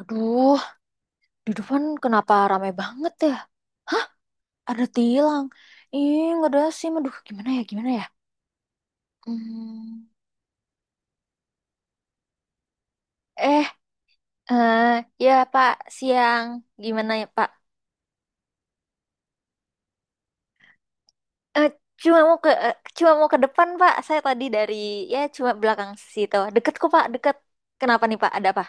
Aduh, di depan kenapa ramai banget ya? Ada tilang. Ih, nggak ada SIM. Aduh, gimana ya, gimana ya? Hmm. Eh, eh, ya Pak, siang. Gimana ya Pak? Eh, cuma mau ke depan Pak. Saya tadi dari, ya cuma belakang situ. Deket kok Pak, deket. Kenapa nih Pak? Ada apa?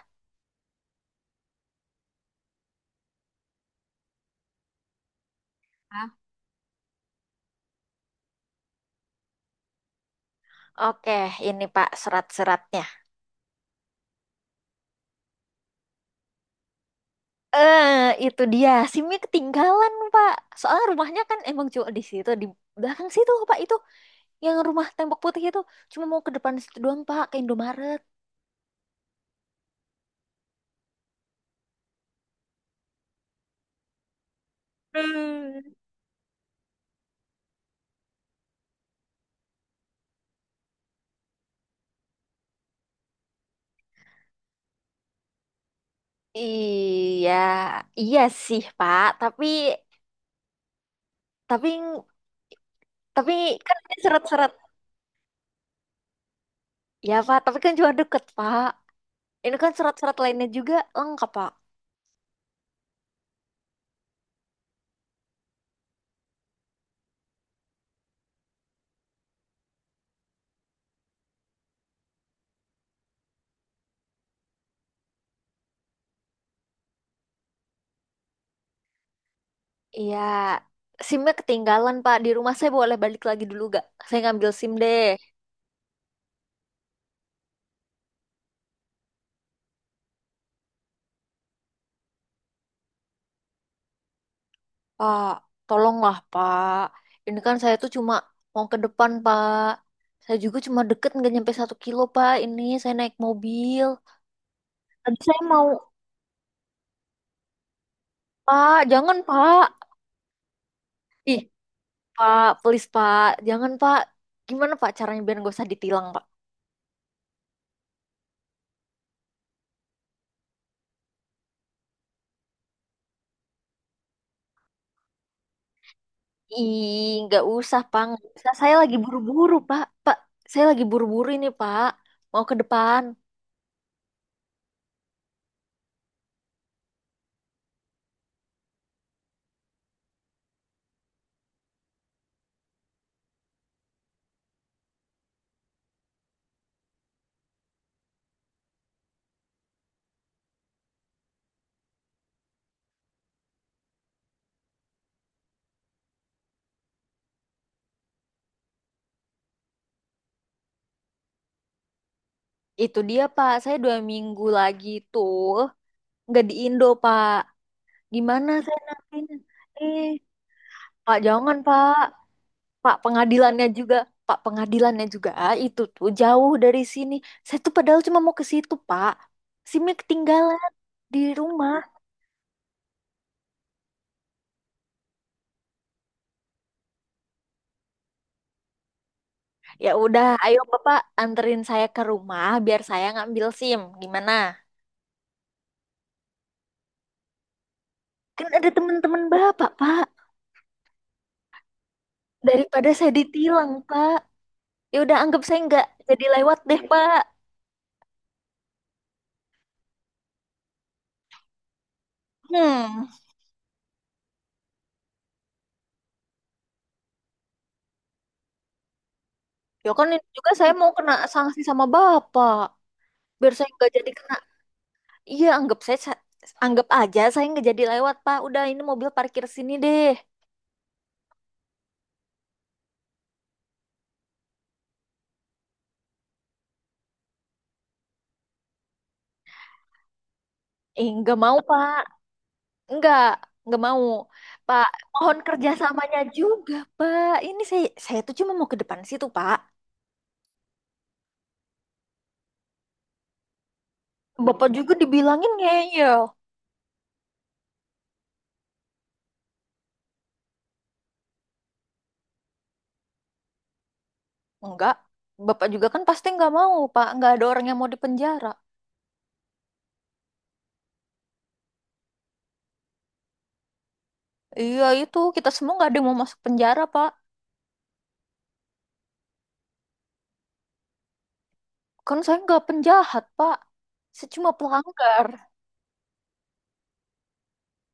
Hah? Oke, ini Pak surat-suratnya. Eh, itu dia. SIM-nya ketinggalan Pak. Soalnya rumahnya kan emang cuma di situ, di belakang situ Pak itu. Yang rumah tembok putih itu cuma mau ke depan situ doang Pak ke Indomaret. Hmm. Iya, iya sih Pak. Tapi, tapi kan ini surat-surat. Ya Pak, tapi kan cuma deket Pak. Ini kan surat-surat lainnya juga lengkap Pak. Iya, SIM-nya ketinggalan Pak di rumah. Saya boleh balik lagi dulu gak? Saya ngambil SIM deh. Pak, tolonglah Pak. Ini kan saya tuh cuma mau ke depan Pak. Saya juga cuma deket nggak nyampe satu kilo Pak. Ini saya naik mobil. Tadi saya mau. Pak, jangan Pak. Ih Pak, please Pak, jangan Pak. Gimana Pak caranya biar nggak usah ditilang Pak? Ih, nggak usah Pak, nggak usah. Saya lagi buru-buru Pak. Pak, saya lagi buru-buru ini Pak. Mau ke depan. Itu dia Pak, saya dua minggu lagi tuh nggak di Indo Pak. Gimana saya nantinya? Eh, Pak, jangan, Pak. Pak, pengadilannya juga. Pak, pengadilannya juga. Ah, itu tuh jauh dari sini. Saya tuh padahal cuma mau ke situ, Pak. SIM-nya ketinggalan di rumah. Ya udah, ayo Bapak anterin saya ke rumah biar saya ngambil SIM. Gimana? Kan ada teman-teman Bapak, Pak. Daripada saya ditilang, Pak. Ya udah, anggap saya nggak jadi lewat deh, Pak. Hmm, ya kan ini juga saya mau kena sanksi sama Bapak. Biar saya nggak jadi kena. Iya, anggap aja saya nggak jadi lewat, Pak. Udah ini mobil parkir sini deh. Nggak mau, Pak. Nggak, nggak mau. Pak, mohon kerjasamanya juga, Pak. Ini saya tuh cuma mau ke depan situ, Pak. Bapak juga dibilangin ngeyel. Enggak. Bapak juga kan pasti nggak mau, Pak. Nggak ada orang yang mau dipenjara. Iya, itu kita semua nggak ada yang mau masuk penjara, Pak. Kan saya nggak penjahat, Pak. Saya cuma pelanggar.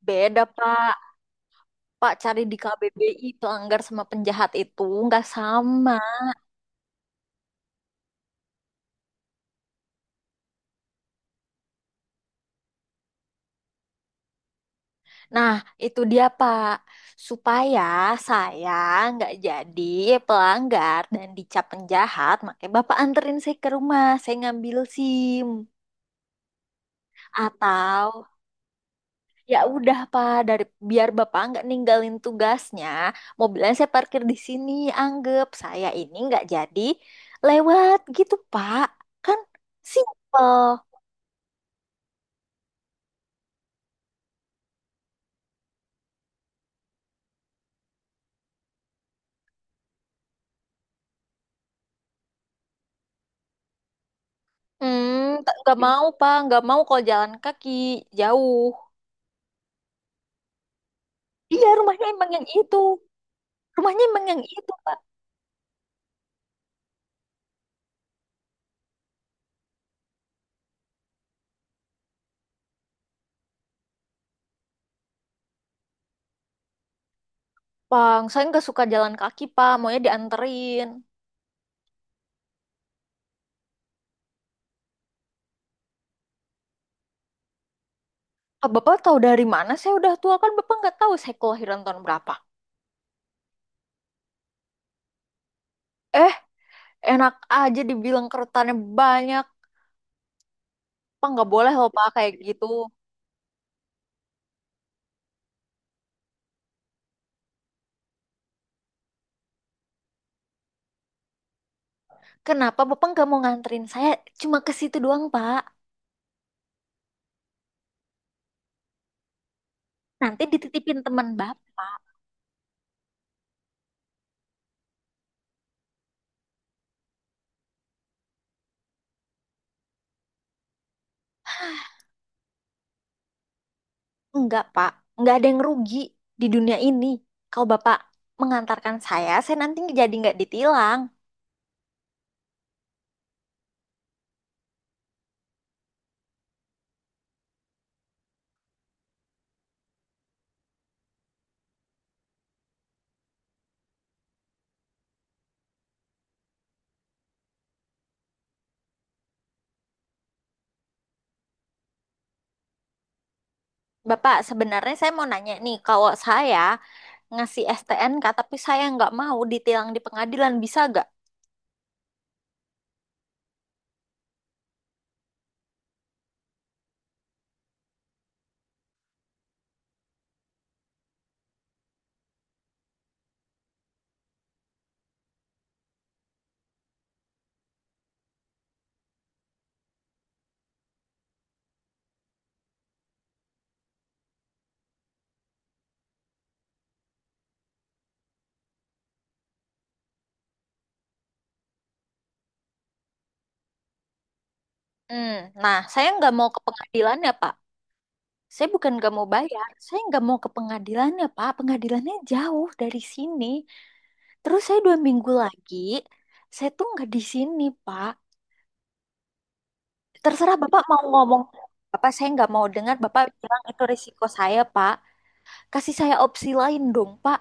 Beda, Pak. Pak, cari di KBBI pelanggar sama penjahat itu nggak sama. Nah, itu dia Pak. Supaya saya nggak jadi pelanggar dan dicap penjahat, makanya Bapak anterin saya ke rumah, saya ngambil SIM. Atau ya udah Pak, biar Bapak nggak ninggalin tugasnya, mobilnya saya parkir di sini, anggap saya ini nggak jadi lewat gitu Pak. Kan simple. Nggak mau pak, nggak mau kalau jalan kaki jauh. Iya, rumahnya emang yang itu. Rumahnya emang yang itu pak. Bang, saya nggak suka jalan kaki pak, maunya dianterin. Ah, bapak tahu dari mana? Saya udah tua kan, bapak nggak tahu saya kelahiran tahun berapa. Eh, enak aja dibilang keretanya banyak. Pak nggak boleh loh pak kayak gitu. Kenapa bapak nggak mau nganterin saya? Cuma ke situ doang pak. Nanti dititipin teman bapak. Enggak, Pak. Enggak ada yang rugi di dunia ini. Kalau Bapak mengantarkan saya nanti jadi nggak ditilang. Bapak, sebenarnya saya mau nanya nih, kalau saya ngasih STNK tapi saya nggak mau ditilang di pengadilan, bisa nggak? Hmm, nah, saya nggak mau ke pengadilannya, Pak. Saya bukan nggak mau bayar, saya nggak mau ke pengadilannya, Pak. Pengadilannya jauh dari sini. Terus saya dua minggu lagi, saya tuh nggak di sini, Pak. Terserah Bapak mau ngomong. Bapak saya nggak mau dengar. Bapak bilang itu risiko saya, Pak. Kasih saya opsi lain dong, Pak.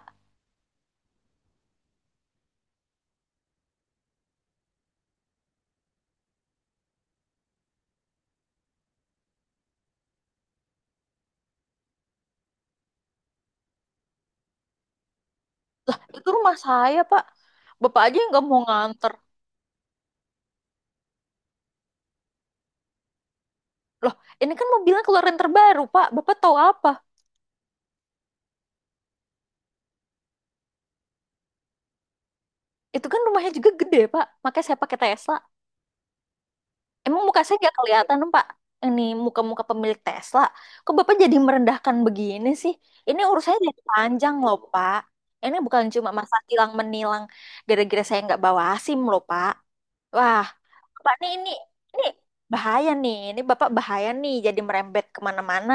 Itu rumah saya, Pak. Bapak aja yang nggak mau nganter. Loh, ini kan mobilnya keluaran terbaru, Pak. Bapak tahu apa? Itu kan rumahnya juga gede, Pak. Makanya saya pakai Tesla. Emang muka saya nggak kelihatan, Pak? Ini muka-muka pemilik Tesla. Kok Bapak jadi merendahkan begini sih? Ini urusannya jadi panjang loh, Pak. Ini bukan cuma masa tilang menilang gara-gara saya nggak bawa SIM loh, Pak. Wah, Pak, nih ini bahaya nih. Ini Bapak bahaya nih jadi merembet kemana-mana.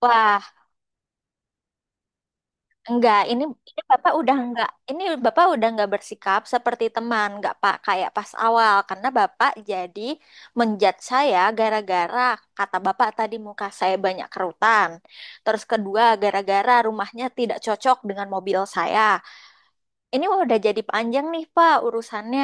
Wah, enggak. Ini Bapak udah enggak. Ini Bapak udah enggak bersikap seperti teman, enggak Pak kayak pas awal karena Bapak jadi menjat saya gara-gara kata Bapak tadi muka saya banyak kerutan. Terus kedua, gara-gara rumahnya tidak cocok dengan mobil saya. Ini udah jadi panjang nih Pak urusannya.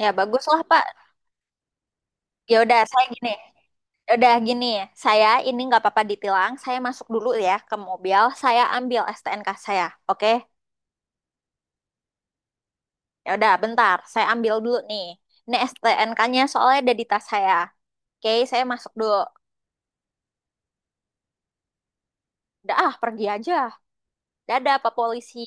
Ya baguslah Pak. Ya udah saya gini. Udah gini ya, saya ini nggak apa-apa ditilang. Saya masuk dulu ya ke mobil. Saya ambil STNK saya, oke? Ya udah, bentar. Saya ambil dulu nih. Ini STNK-nya soalnya ada di tas saya. Oke, saya masuk dulu. Udah ah, pergi aja. Dadah, Pak Polisi.